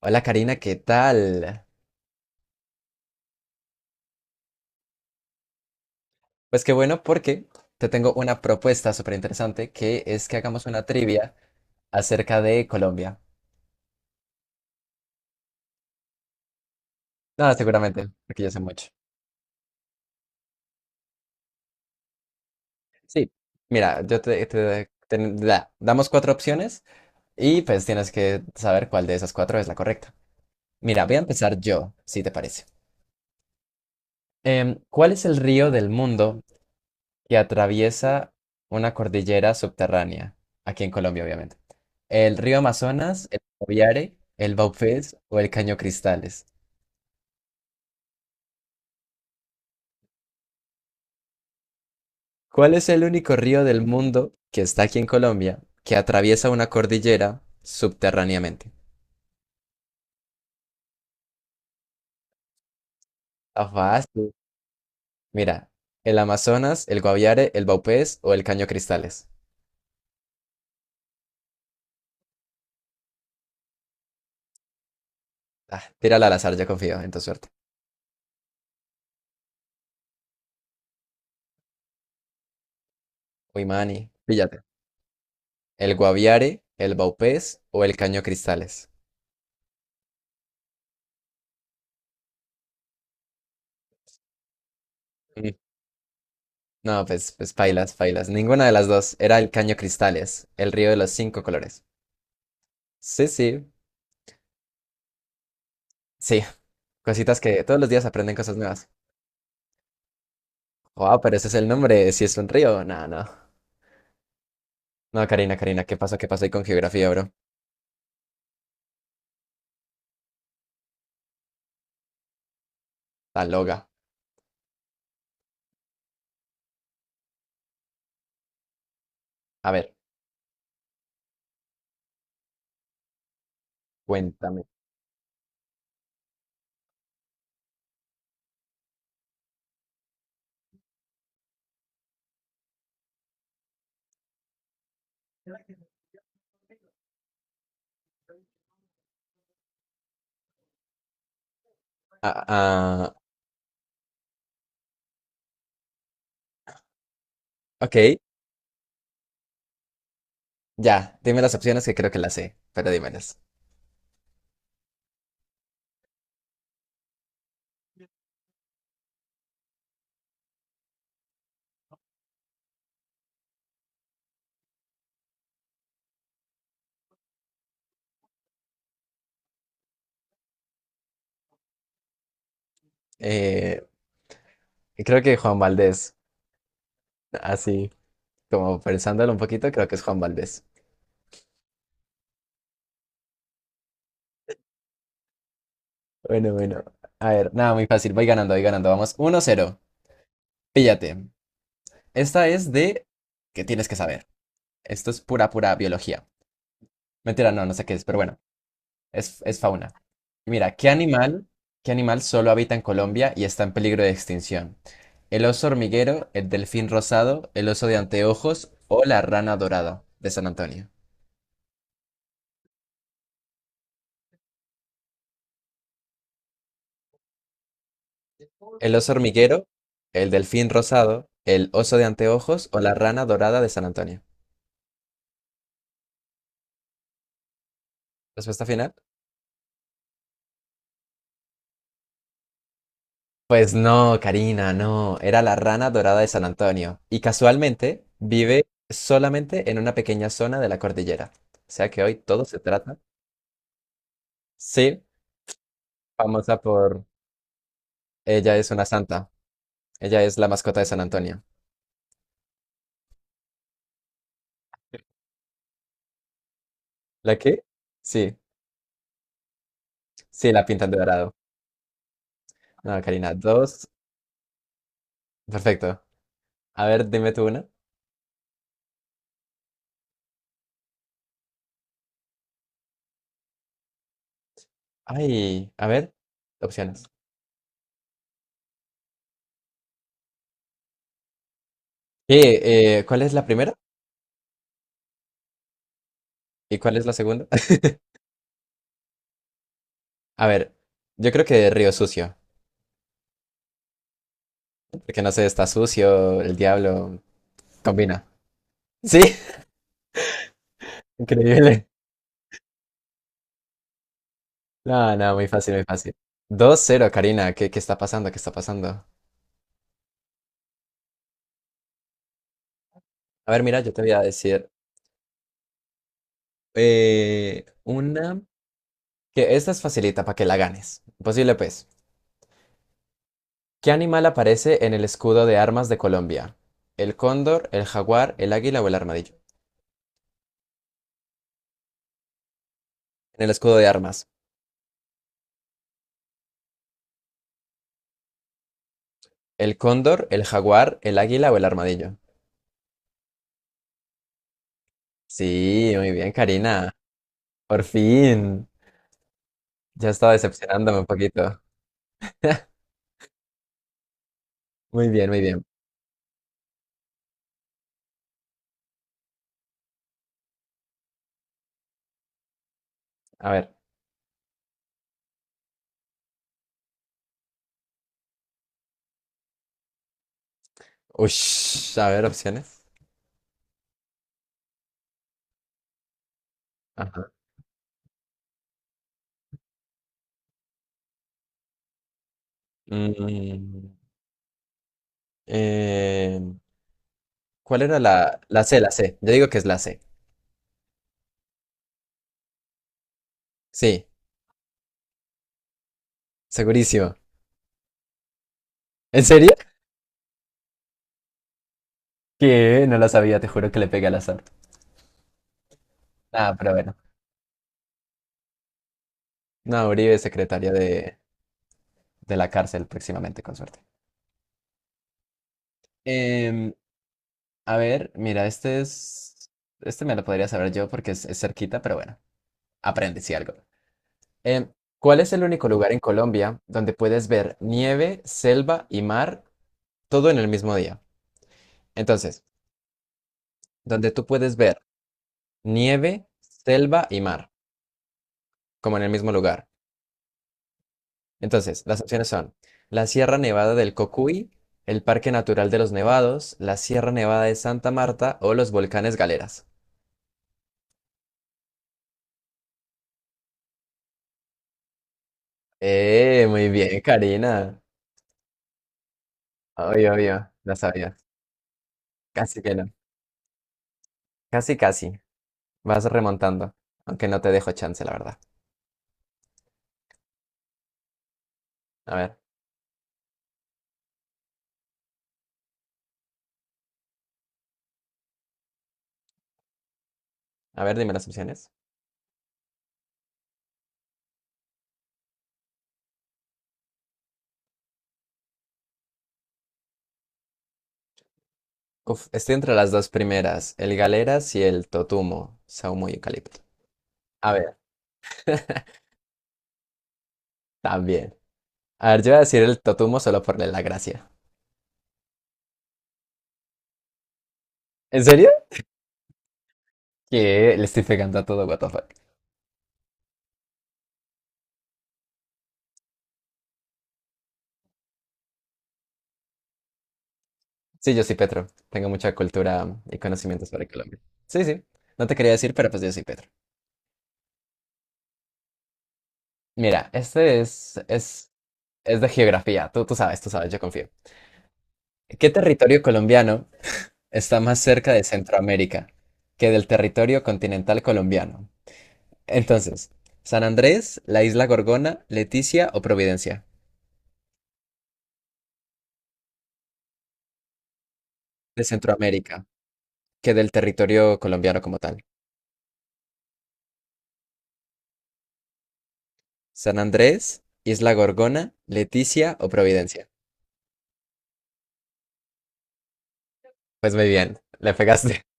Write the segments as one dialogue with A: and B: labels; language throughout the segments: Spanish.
A: Hola Karina, ¿qué tal? Pues qué bueno porque te tengo una propuesta súper interesante que es que hagamos una trivia acerca de Colombia. No, seguramente, porque yo sé mucho. Sí, mira, yo te damos cuatro opciones y pues tienes que saber cuál de esas cuatro es la correcta. Mira, voy a empezar yo, si te parece. ¿Cuál es el río del mundo que atraviesa una cordillera subterránea, aquí en Colombia, obviamente? El río Amazonas, el Guaviare, el Baupés o el Caño Cristales. ¿Cuál es el único río del mundo que está aquí en Colombia que atraviesa una cordillera subterráneamente? Está fácil. Mira, el Amazonas, el Guaviare, el Baupés o el Caño Cristales. Ah, tírala al azar, ya confío en tu suerte. Uy, Manny, píllate. ¿El Guaviare, el Baupés o el Caño Cristales? No, pues pailas, pailas. Ninguna de las dos. Era el Caño Cristales, el río de los cinco colores. Sí, sí, sí. Cositas que todos los días aprenden cosas nuevas. Wow, pero ese es el nombre, si es un río. No, no. No, Karina, Karina, ¿qué pasó? ¿Qué pasó ahí con geografía, bro? La loga. A ver, cuéntame. Ah, ah, ok, ya. Dime las opciones que creo que las sé, pero dímelas. Eh, Creo que Juan Valdés, así como pensándolo un poquito, creo que es Juan Valdés. Bueno, bueno. A ver, nada, muy fácil. Voy ganando, voy ganando. Vamos, 1-0. Píllate. Esta es de, que tienes que saber? Esto es pura, pura biología. Mentira, no, no sé qué es, pero bueno, es fauna. Mira, ¿qué animal solo habita en Colombia y está en peligro de extinción? ¿El oso hormiguero, el delfín rosado, el oso de anteojos o la rana dorada de San Antonio? ¿El oso hormiguero, el delfín rosado, el oso de anteojos o la rana dorada de San Antonio? Respuesta final. Pues no, Karina, no. Era la rana dorada de San Antonio. Y casualmente vive solamente en una pequeña zona de la cordillera. O sea que hoy todo se trata. Sí, famosa por, ella es una santa. Ella es la mascota de San Antonio. ¿La qué? Sí, sí, la pintan de dorado. No, Karina, dos. Perfecto. A ver, dime tú una. Ay, a ver, opciones. ¿Cuál es la primera? ¿Y cuál es la segunda? A ver, yo creo que Río Sucio. Porque no sé, está sucio, el diablo. Combina. Sí, increíble. No, no, muy fácil, muy fácil. Dos cero, Karina. ¿Qué está pasando? ¿Qué está pasando? A ver, mira, yo te voy a decir una. Que esta es facilita para que la ganes. Posible, pues. ¿Qué animal aparece en el escudo de armas de Colombia? ¿El cóndor, el jaguar, el águila o el armadillo? En el escudo de armas. ¿El cóndor, el jaguar, el águila o el armadillo? Sí, muy bien, Karina. Por fin. Ya estaba decepcionándome un poquito. Muy bien, muy bien. A ver. Ush, a ver, opciones. Ajá. Mm, eh, ¿Cuál era la C, la C? Yo digo que es la C. Sí, segurísimo. ¿En serio? Que no la sabía, te juro que le pegué al azar. Ah, pero bueno. No, Uribe, secretaria de la cárcel próximamente, con suerte. Em, a ver, mira, este es. Este me lo podría saber yo porque es cerquita, pero bueno. Aprende si algo. Em, ¿Cuál es el único lugar en Colombia donde puedes ver nieve, selva y mar todo en el mismo día? Entonces, donde tú puedes ver nieve, selva y mar, como en el mismo lugar. Entonces, las opciones son la Sierra Nevada del Cocuy, el Parque Natural de los Nevados, la Sierra Nevada de Santa Marta o los volcanes Galeras. Muy bien, Karina. Obvio, obvio, la sabía. Casi que no. Casi, casi. Vas remontando, aunque no te dejo chance, la verdad. A ver. A ver, dime las opciones. Uf, estoy entre las dos primeras, el Galeras y el Totumo, saumo y eucalipto. A ver, también. A ver, yo voy a decir el Totumo solo por la gracia. ¿En serio? Que le estoy pegando a todo, what the fuck. Sí, yo soy Petro. Tengo mucha cultura y conocimientos sobre Colombia. Sí, sí. No te quería decir, pero pues yo soy Petro. Mira, este es, de geografía. Tú sabes, tú sabes, yo confío. ¿Qué territorio colombiano está más cerca de Centroamérica que del territorio continental colombiano? Entonces, San Andrés, la Isla Gorgona, Leticia o Providencia, de Centroamérica, que del territorio colombiano como tal. San Andrés, Isla Gorgona, Leticia o Providencia. Pues muy bien, le pegaste.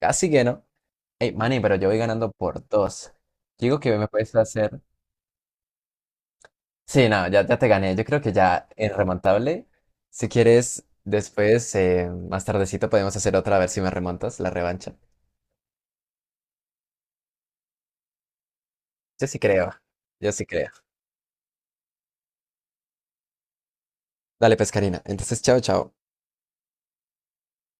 A: Casi que no. Hey, Manny, pero yo voy ganando por dos. Digo que me puedes hacer. Sí, no, ya te gané. Yo creo que ya en remontable. Si quieres, después, más tardecito, podemos hacer otra a ver si me remontas la revancha. Yo sí creo. Yo sí creo. Dale, pescarina. Entonces, chao, chao.